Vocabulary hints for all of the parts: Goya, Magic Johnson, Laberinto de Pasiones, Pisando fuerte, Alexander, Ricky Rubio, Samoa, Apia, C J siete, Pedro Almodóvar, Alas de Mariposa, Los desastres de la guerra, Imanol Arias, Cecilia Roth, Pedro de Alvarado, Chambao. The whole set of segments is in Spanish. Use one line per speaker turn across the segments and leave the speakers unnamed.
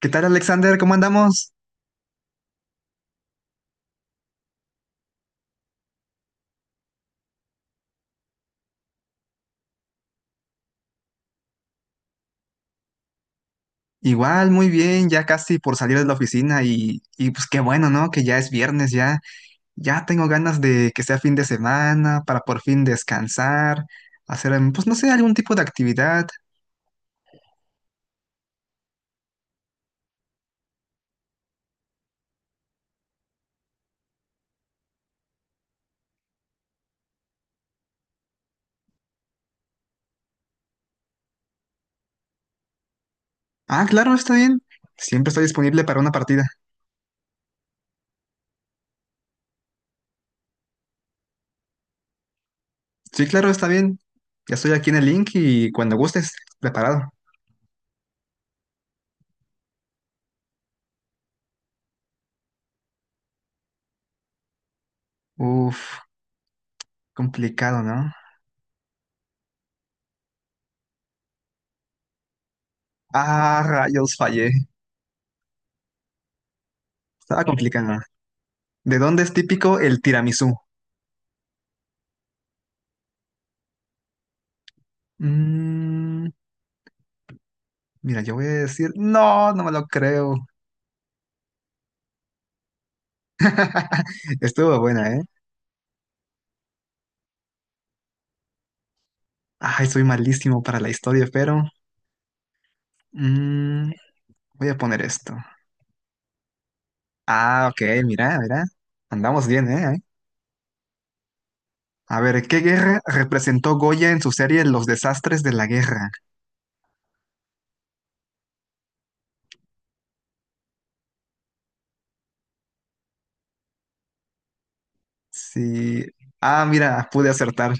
¿Qué tal, Alexander? ¿Cómo andamos? Igual, muy bien, ya casi por salir de la oficina y pues qué bueno, ¿no? Que ya es viernes, ya, ya tengo ganas de que sea fin de semana para por fin descansar, hacer, pues no sé, algún tipo de actividad. Ah, claro, está bien. Siempre estoy disponible para una partida. Sí, claro, está bien. Ya estoy aquí en el link y cuando gustes, preparado. Uf, complicado, ¿no? Ah, rayos, fallé. Estaba complicado. ¿De dónde es típico el tiramisú? Mmm, mira, yo voy a decir, no, no me lo creo. Estuvo buena, ¿eh? Ay, soy malísimo para la historia, pero mm, voy a poner esto. Ah, ok, mira, mira. Andamos bien, ¿eh? A ver, ¿qué guerra representó Goya en su serie Los desastres de la guerra? Sí. Ah, mira, pude acertar.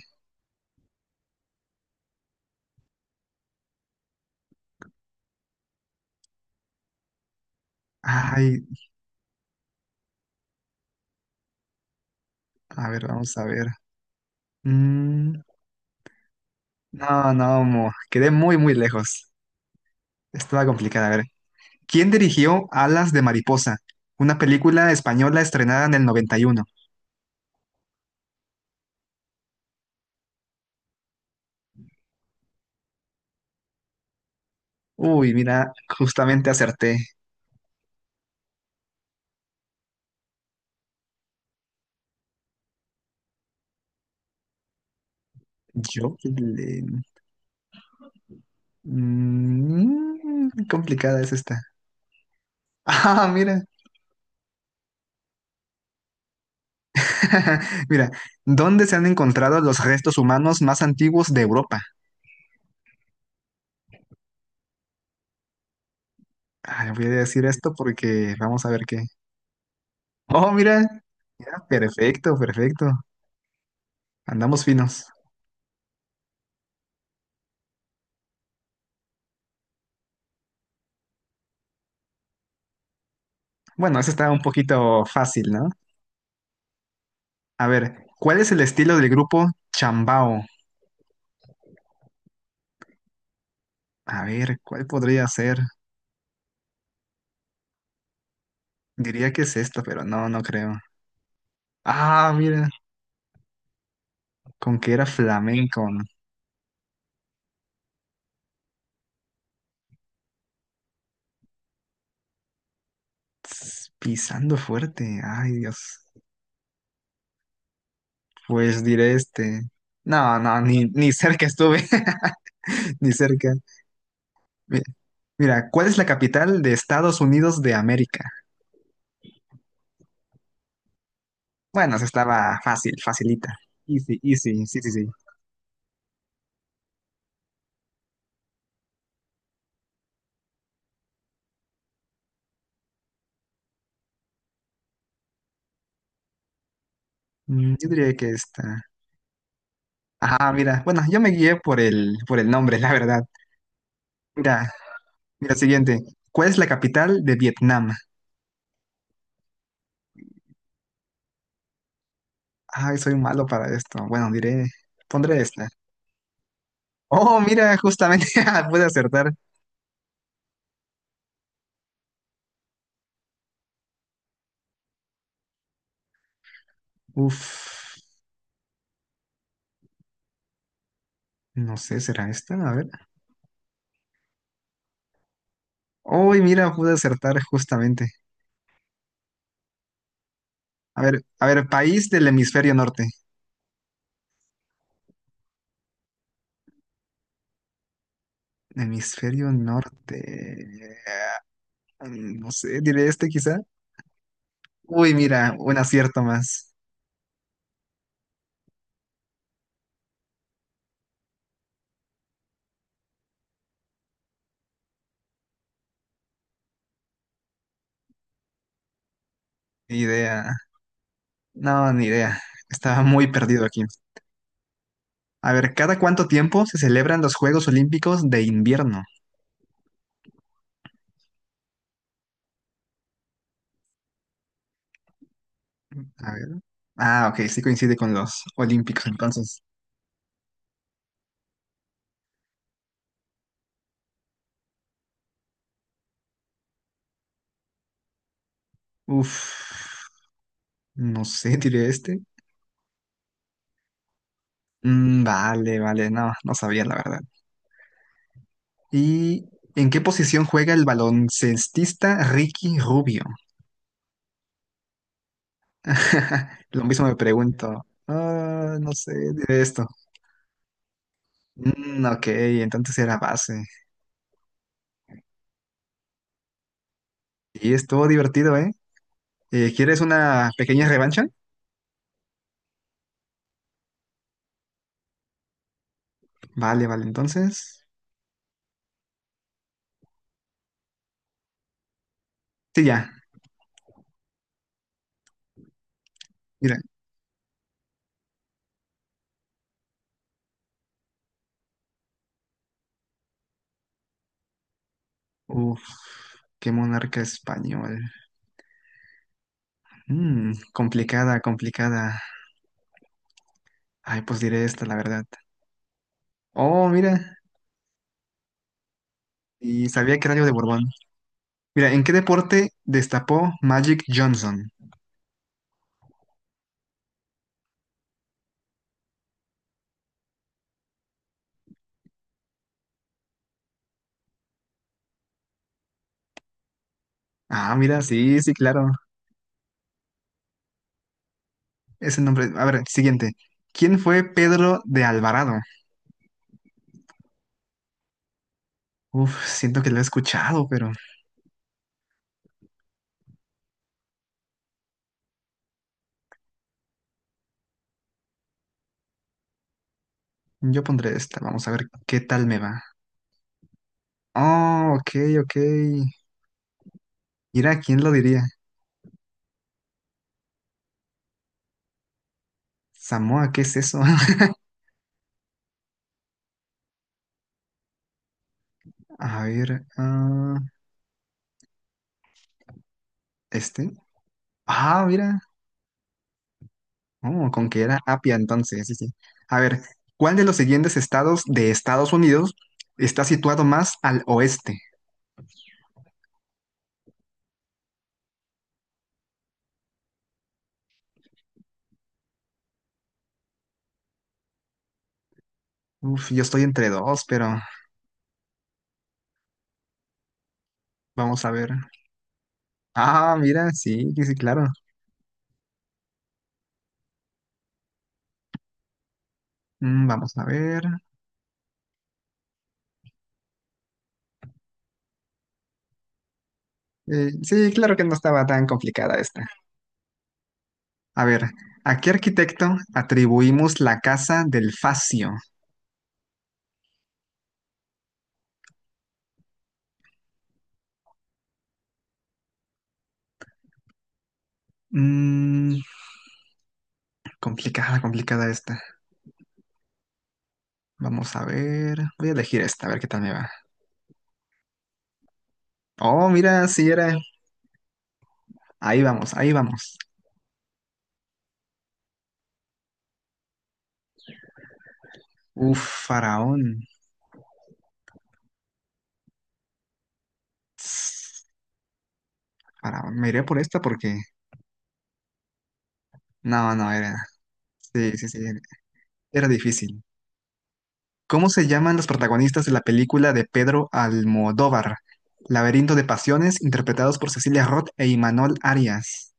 Ay, a ver, vamos a ver. Mm, no, no, quedé muy, muy lejos. Estaba complicada, a ver. ¿Quién dirigió Alas de Mariposa, una película española estrenada en el 91? Uy, mira, justamente acerté. Yo le. Mm, complicada es esta. Ah, mira. Mira, ¿dónde se han encontrado los restos humanos más antiguos de Europa? Ah, voy a decir esto porque vamos a ver qué. Oh, mira. Mira, perfecto, perfecto. Andamos finos. Bueno, eso está un poquito fácil, ¿no? A ver, ¿cuál es el estilo del grupo Chambao? A ver, ¿cuál podría ser? Diría que es esta, pero no, no creo. Ah, mira, con que era flamenco, ¿no? Tss, pisando fuerte. Ay, Dios. Pues diré este. No, no, ni cerca estuve. Ni cerca. Mi- Mira, ¿cuál es la capital de Estados Unidos de América? Bueno, se estaba fácil, facilita. Easy, easy, sí, sí, sí. Mm, yo diría que esta. Ah, mira, bueno, yo me guié por el nombre, la verdad. Mira, mira, siguiente. ¿Cuál es la capital de Vietnam? Ay, soy malo para esto. Bueno, diré, pondré esta. Oh, mira, justamente ah, pude acertar. Uf, no sé, ¿será esta? A ver. Oh, mira, pude acertar justamente. A ver, país del hemisferio norte. Hemisferio norte. Mm, no sé, diré este quizá. Uy, mira, un acierto más. Ni idea. No, ni idea. Estaba muy perdido aquí. A ver, ¿cada cuánto tiempo se celebran los Juegos Olímpicos de invierno? A ver. Ah, ok, sí coincide con los olímpicos, entonces. Uf, no sé, diré este. Mm, vale, vale, no, no sabía la verdad. ¿Y en qué posición juega el baloncestista Ricky Rubio? Lo mismo me pregunto. Ah, no sé, diré esto. Mm, ok, entonces era base. Y estuvo divertido, ¿eh? ¿Quieres una pequeña revancha? Vale, vale, entonces. Sí, ya, mira. Uf, qué monarca español. Mm, complicada, complicada. Ay, pues diré esta, la verdad. Oh, mira, y sabía que era algo de Borbón. Mira, ¿en qué deporte destapó Magic Johnson? Ah, mira, sí, sí, claro. Ese nombre. A ver, siguiente. ¿Quién fue Pedro de Alvarado? Uf, siento que lo he escuchado, pero yo pondré esta. Vamos a ver qué tal me va. Oh, ok, ok. Mira, ¿quién lo diría? Samoa, ¿qué es eso? A ver, ah, este. Ah, mira. Oh, con que era Apia entonces, sí, sí. A ver, ¿cuál de los siguientes estados de Estados Unidos está situado más al oeste? Uf, yo estoy entre dos, pero vamos a ver. Ah, mira, sí, sí, sí, claro. Mm, vamos a ver. Sí, claro que no estaba tan complicada esta. A ver, ¿a qué arquitecto atribuimos la casa del Facio? Mm, complicada, complicada esta. Vamos a ver. Voy a elegir esta, a ver qué tal me va. Oh, mira, sí era. Ahí vamos, ahí vamos. Uf, faraón. Tss, faraón. Me iré por esta porque. No, no, era. Sí, sí, sí. Era difícil. ¿Cómo se llaman los protagonistas de la película de Pedro Almodóvar Laberinto de Pasiones, interpretados por Cecilia Roth e Imanol Arias?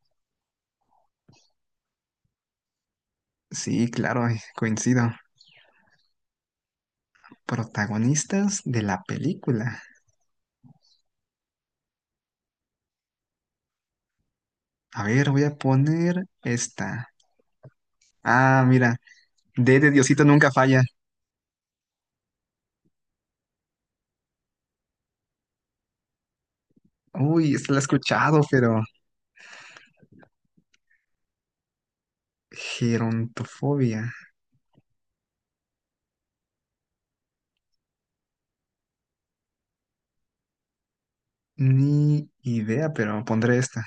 Sí, claro, coincido. Protagonistas de la película. A ver, voy a poner esta. Ah, mira. D de Diosito nunca falla. Uy, esta la he escuchado, pero. Gerontofobia. Ni idea, pero pondré esta.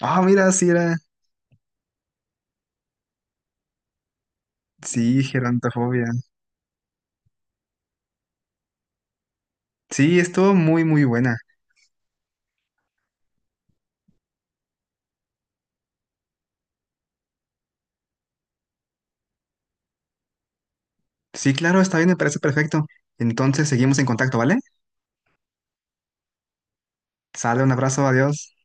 Ah, mira, sí era. Sí, gerontofobia. Sí, estuvo muy, muy buena. Sí, claro, está bien, me parece perfecto. Entonces seguimos en contacto, ¿vale? Sale, un abrazo, adiós.